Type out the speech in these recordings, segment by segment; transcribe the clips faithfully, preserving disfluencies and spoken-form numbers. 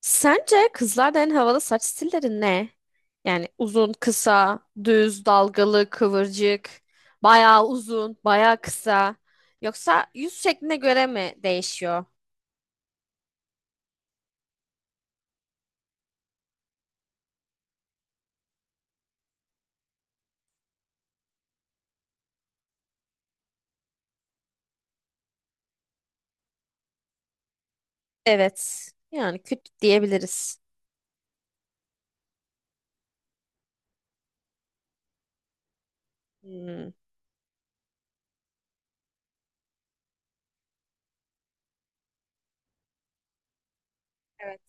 Sence kızlarda en havalı saç stilleri ne? Yani uzun, kısa, düz, dalgalı, kıvırcık, bayağı uzun, bayağı kısa. Yoksa yüz şekline göre mi değişiyor? Evet. Yani küt diyebiliriz. Hmm. Evet.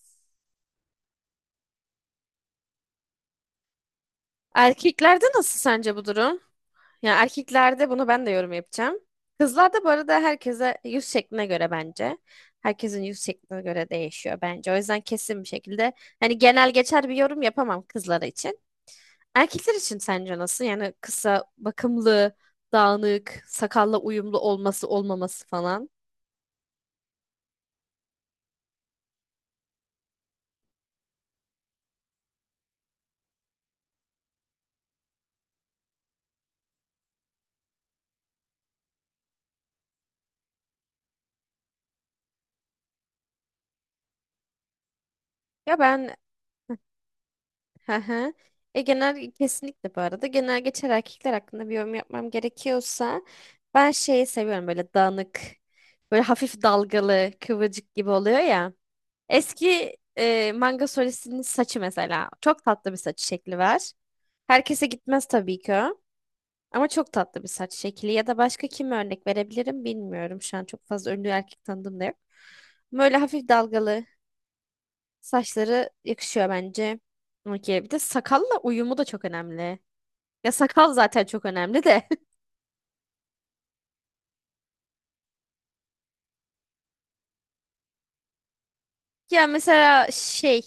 Erkeklerde nasıl sence bu durum? Yani erkeklerde bunu ben de yorum yapacağım. Kızlarda bu arada herkese yüz şekline göre bence. Herkesin yüz şekline göre değişiyor bence. O yüzden kesin bir şekilde hani genel geçer bir yorum yapamam kızlar için. Erkekler için sence nasıl? Yani kısa, bakımlı, dağınık, sakalla uyumlu olması olmaması falan. Ya ben. Hı hı. E genel kesinlikle bu arada genel geçer erkekler hakkında bir yorum yapmam gerekiyorsa ben şeyi seviyorum böyle dağınık, böyle hafif dalgalı kıvırcık gibi oluyor ya. Eski e, manga solistinin saçı mesela çok tatlı bir saç şekli var. Herkese gitmez tabii ki o. Ama çok tatlı bir saç şekli ya da başka kime örnek verebilirim bilmiyorum. Şu an çok fazla ünlü erkek tanıdığım da yok. Böyle hafif dalgalı saçları yakışıyor bence. Okey. Bir de sakalla uyumu da çok önemli. Ya sakal zaten çok önemli de. Ya mesela şey,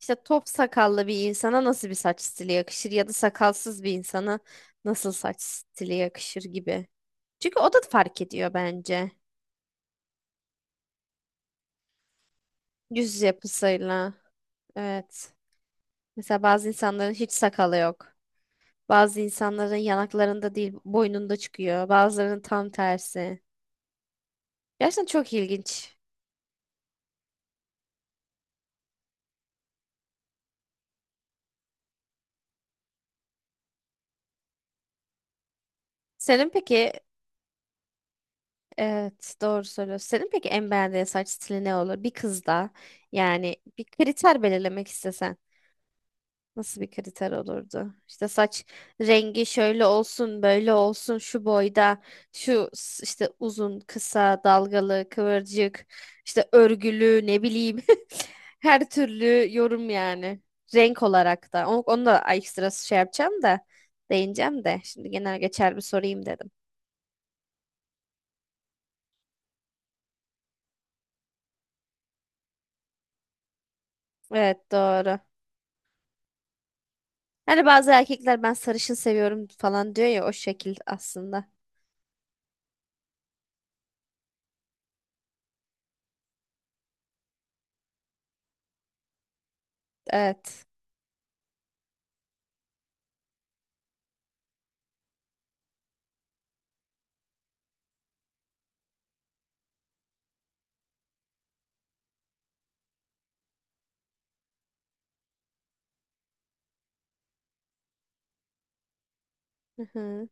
işte top sakallı bir insana nasıl bir saç stili yakışır ya da sakalsız bir insana nasıl saç stili yakışır gibi. Çünkü o da fark ediyor bence. Yüz yapısıyla. Evet. Mesela bazı insanların hiç sakalı yok. Bazı insanların yanaklarında değil boynunda çıkıyor. Bazılarının tam tersi. Gerçekten çok ilginç. Senin peki, evet, doğru söylüyorsun. Senin peki en beğendiğin saç stili ne olur? Bir kızda yani bir kriter belirlemek istesen nasıl bir kriter olurdu? İşte saç rengi şöyle olsun, böyle olsun, şu boyda, şu s- işte uzun, kısa, dalgalı, kıvırcık, işte örgülü, ne bileyim. Her türlü yorum yani. Renk olarak da. Onu, onu da ekstra şey yapacağım da, değineceğim de. Şimdi genel geçer bir sorayım dedim. Evet, doğru. Hani bazı erkekler ben sarışın seviyorum falan diyor ya, o şekil aslında. Evet. Hı hı.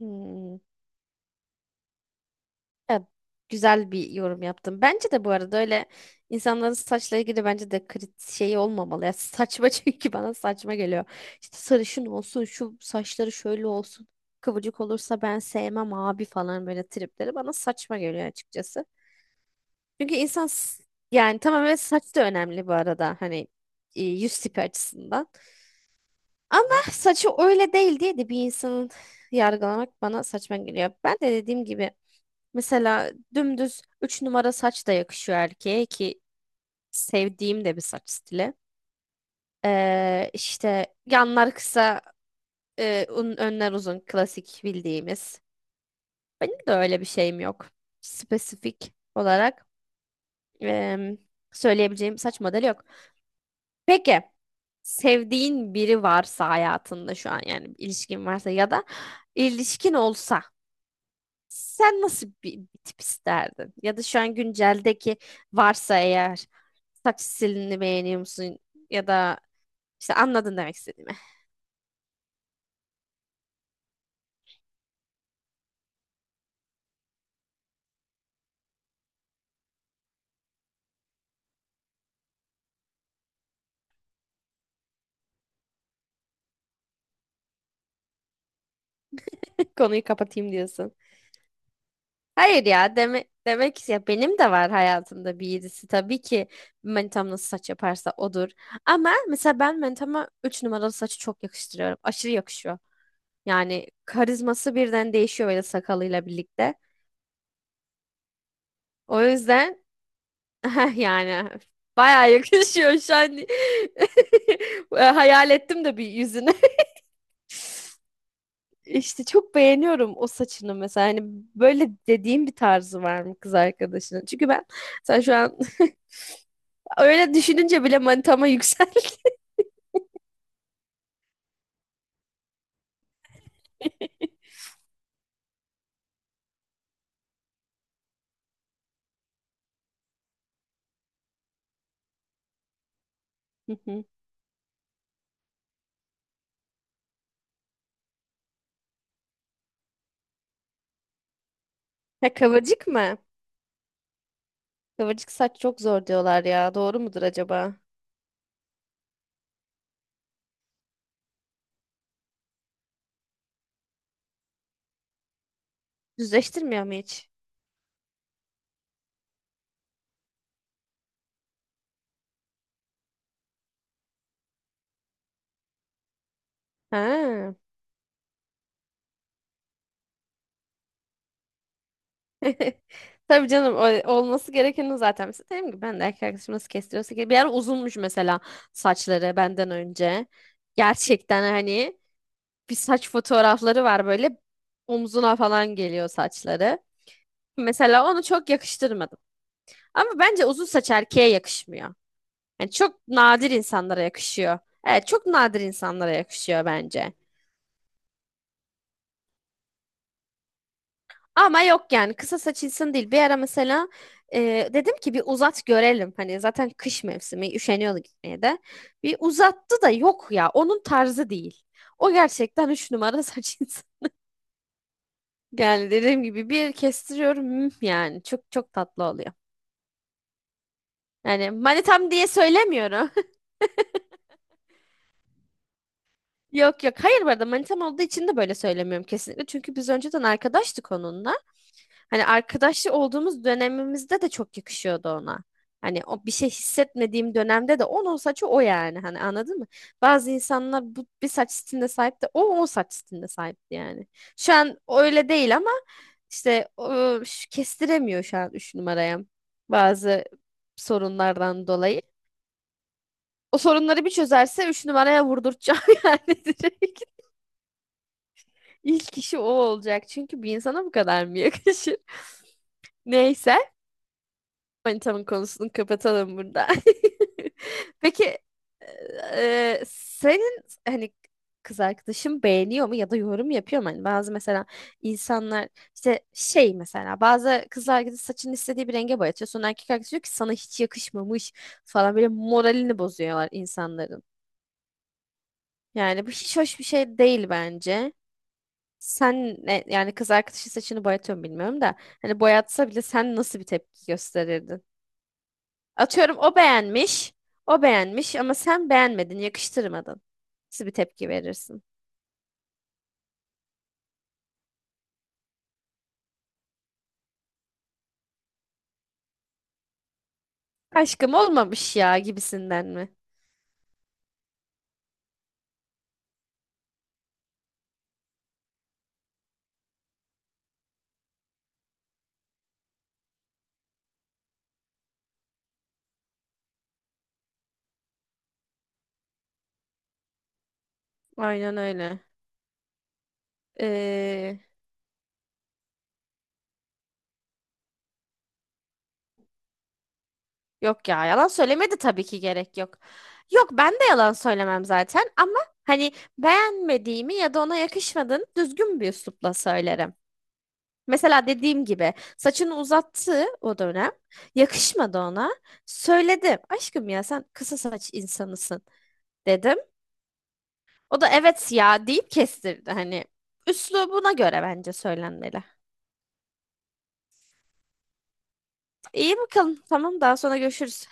Hmm. Ya, güzel bir yorum yaptım. Bence de bu arada öyle insanların saçla ilgili bence de krit şey olmamalı. Ya, saçma çünkü bana saçma geliyor. İşte sarışın olsun, şu saçları şöyle olsun. Kıvırcık olursa ben sevmem abi falan, böyle tripleri bana saçma geliyor açıkçası. Çünkü insan s- yani tamam, evet saç da önemli bu arada. Hani e, yüz tipi açısından. Ama saçı öyle değil diye de bir insanın yargılamak bana saçma geliyor. Ben de dediğim gibi mesela dümdüz üç numara saç da yakışıyor erkeğe ki sevdiğim de bir saç stili. Ee, işte yanlar kısa, e, un- önler uzun klasik bildiğimiz. Benim de öyle bir şeyim yok. Spesifik olarak em, söyleyebileceğim saç modeli yok. Peki sevdiğin biri varsa hayatında şu an, yani bir ilişkin varsa ya da ilişkin olsa, sen nasıl bir, bir tip isterdin? Ya da şu an günceldeki varsa eğer saç stilini beğeniyor musun? Ya da işte anladın demek istediğimi. Konuyu kapatayım diyorsun. Hayır ya deme, demek ki ya, benim de var hayatımda bir yedisi. Tabii ki manitam nasıl saç yaparsa odur. Ama mesela ben manitama üç numaralı saçı çok yakıştırıyorum. Aşırı yakışıyor. Yani karizması birden değişiyor böyle sakalıyla birlikte. O yüzden yani bayağı yakışıyor şu an. Hayal ettim de bir yüzünü. İşte çok beğeniyorum o saçını mesela. Hani böyle dediğim bir tarzı var mı kız arkadaşının? Çünkü ben, sen şu an öyle düşününce bile manitama yükseldi. Hı hı. Ha, kıvırcık mı? Kıvırcık saç çok zor diyorlar ya. Doğru mudur acaba? Düzleştirmiyor mu hiç? Ha. Tabii canım, o- olması gerekeni zaten. Mesela dedim ki ben de erkek arkadaşım nasıl kestiriyorsa, ki bir ara uzunmuş mesela saçları benden önce. Gerçekten hani bir saç fotoğrafları var, böyle omzuna falan geliyor saçları. Mesela onu çok yakıştırmadım. Ama bence uzun saç erkeğe yakışmıyor. Yani çok nadir insanlara yakışıyor. Evet, çok nadir insanlara yakışıyor bence. Ama yok yani kısa saçılsın değil. Bir ara mesela e, dedim ki bir uzat görelim. Hani zaten kış mevsimi üşeniyordu gitmeye de. Bir uzattı da yok ya, onun tarzı değil. O gerçekten üç numara saçılsın. Yani dediğim gibi bir kestiriyorum, hmm, yani çok çok tatlı oluyor. Yani manitam diye söylemiyorum. Yok yok. Hayır, bu arada manitam olduğu için de böyle söylemiyorum kesinlikle. Çünkü biz önceden arkadaştık onunla. Hani arkadaşlı olduğumuz dönemimizde de çok yakışıyordu ona. Hani o bir şey hissetmediğim dönemde de onun saçı o yani. Hani anladın mı? Bazı insanlar bu bir saç stiline sahip de o o saç stiline sahipti yani. Şu an öyle değil ama işte o, şu- kestiremiyor şu an üç numaraya. Bazı sorunlardan dolayı. O sorunları bir çözerse üç numaraya vurdurtacağım yani direkt. İlk kişi o olacak. Çünkü bir insana bu kadar mı yakışır? Neyse. Manitamın konusunu kapatalım burada. Peki eee, senin hani kız arkadaşın beğeniyor mu ya da yorum yapıyor mu? Hani bazı mesela insanlar işte şey, mesela bazı kız arkadaş saçını istediği bir renge boyatıyor. Sonra erkek arkadaş diyor ki sana hiç yakışmamış falan, böyle moralini bozuyorlar insanların. Yani bu hiç hoş bir şey değil bence. Sen ne, yani kız arkadaşın saçını boyatıyor mu bilmiyorum da hani boyatsa bile sen nasıl bir tepki gösterirdin? Atıyorum o beğenmiş, o beğenmiş ama sen beğenmedin, yakıştırmadın. Nasıl bir tepki verirsin? Aşkım olmamış ya gibisinden mi? Aynen öyle. Ee, yok ya yalan söylemedi, tabii ki gerek yok. Yok, ben de yalan söylemem zaten ama hani beğenmediğimi ya da ona yakışmadığını düzgün bir üslupla söylerim. Mesela dediğim gibi saçını uzattı o dönem. Yakışmadı ona. Söyledim. Aşkım ya sen kısa saç insanısın dedim. O da evet ya deyip kestirdi. Hani üslubuna göre bence söylenmeli. İyi bakalım. Tamam, daha sonra görüşürüz.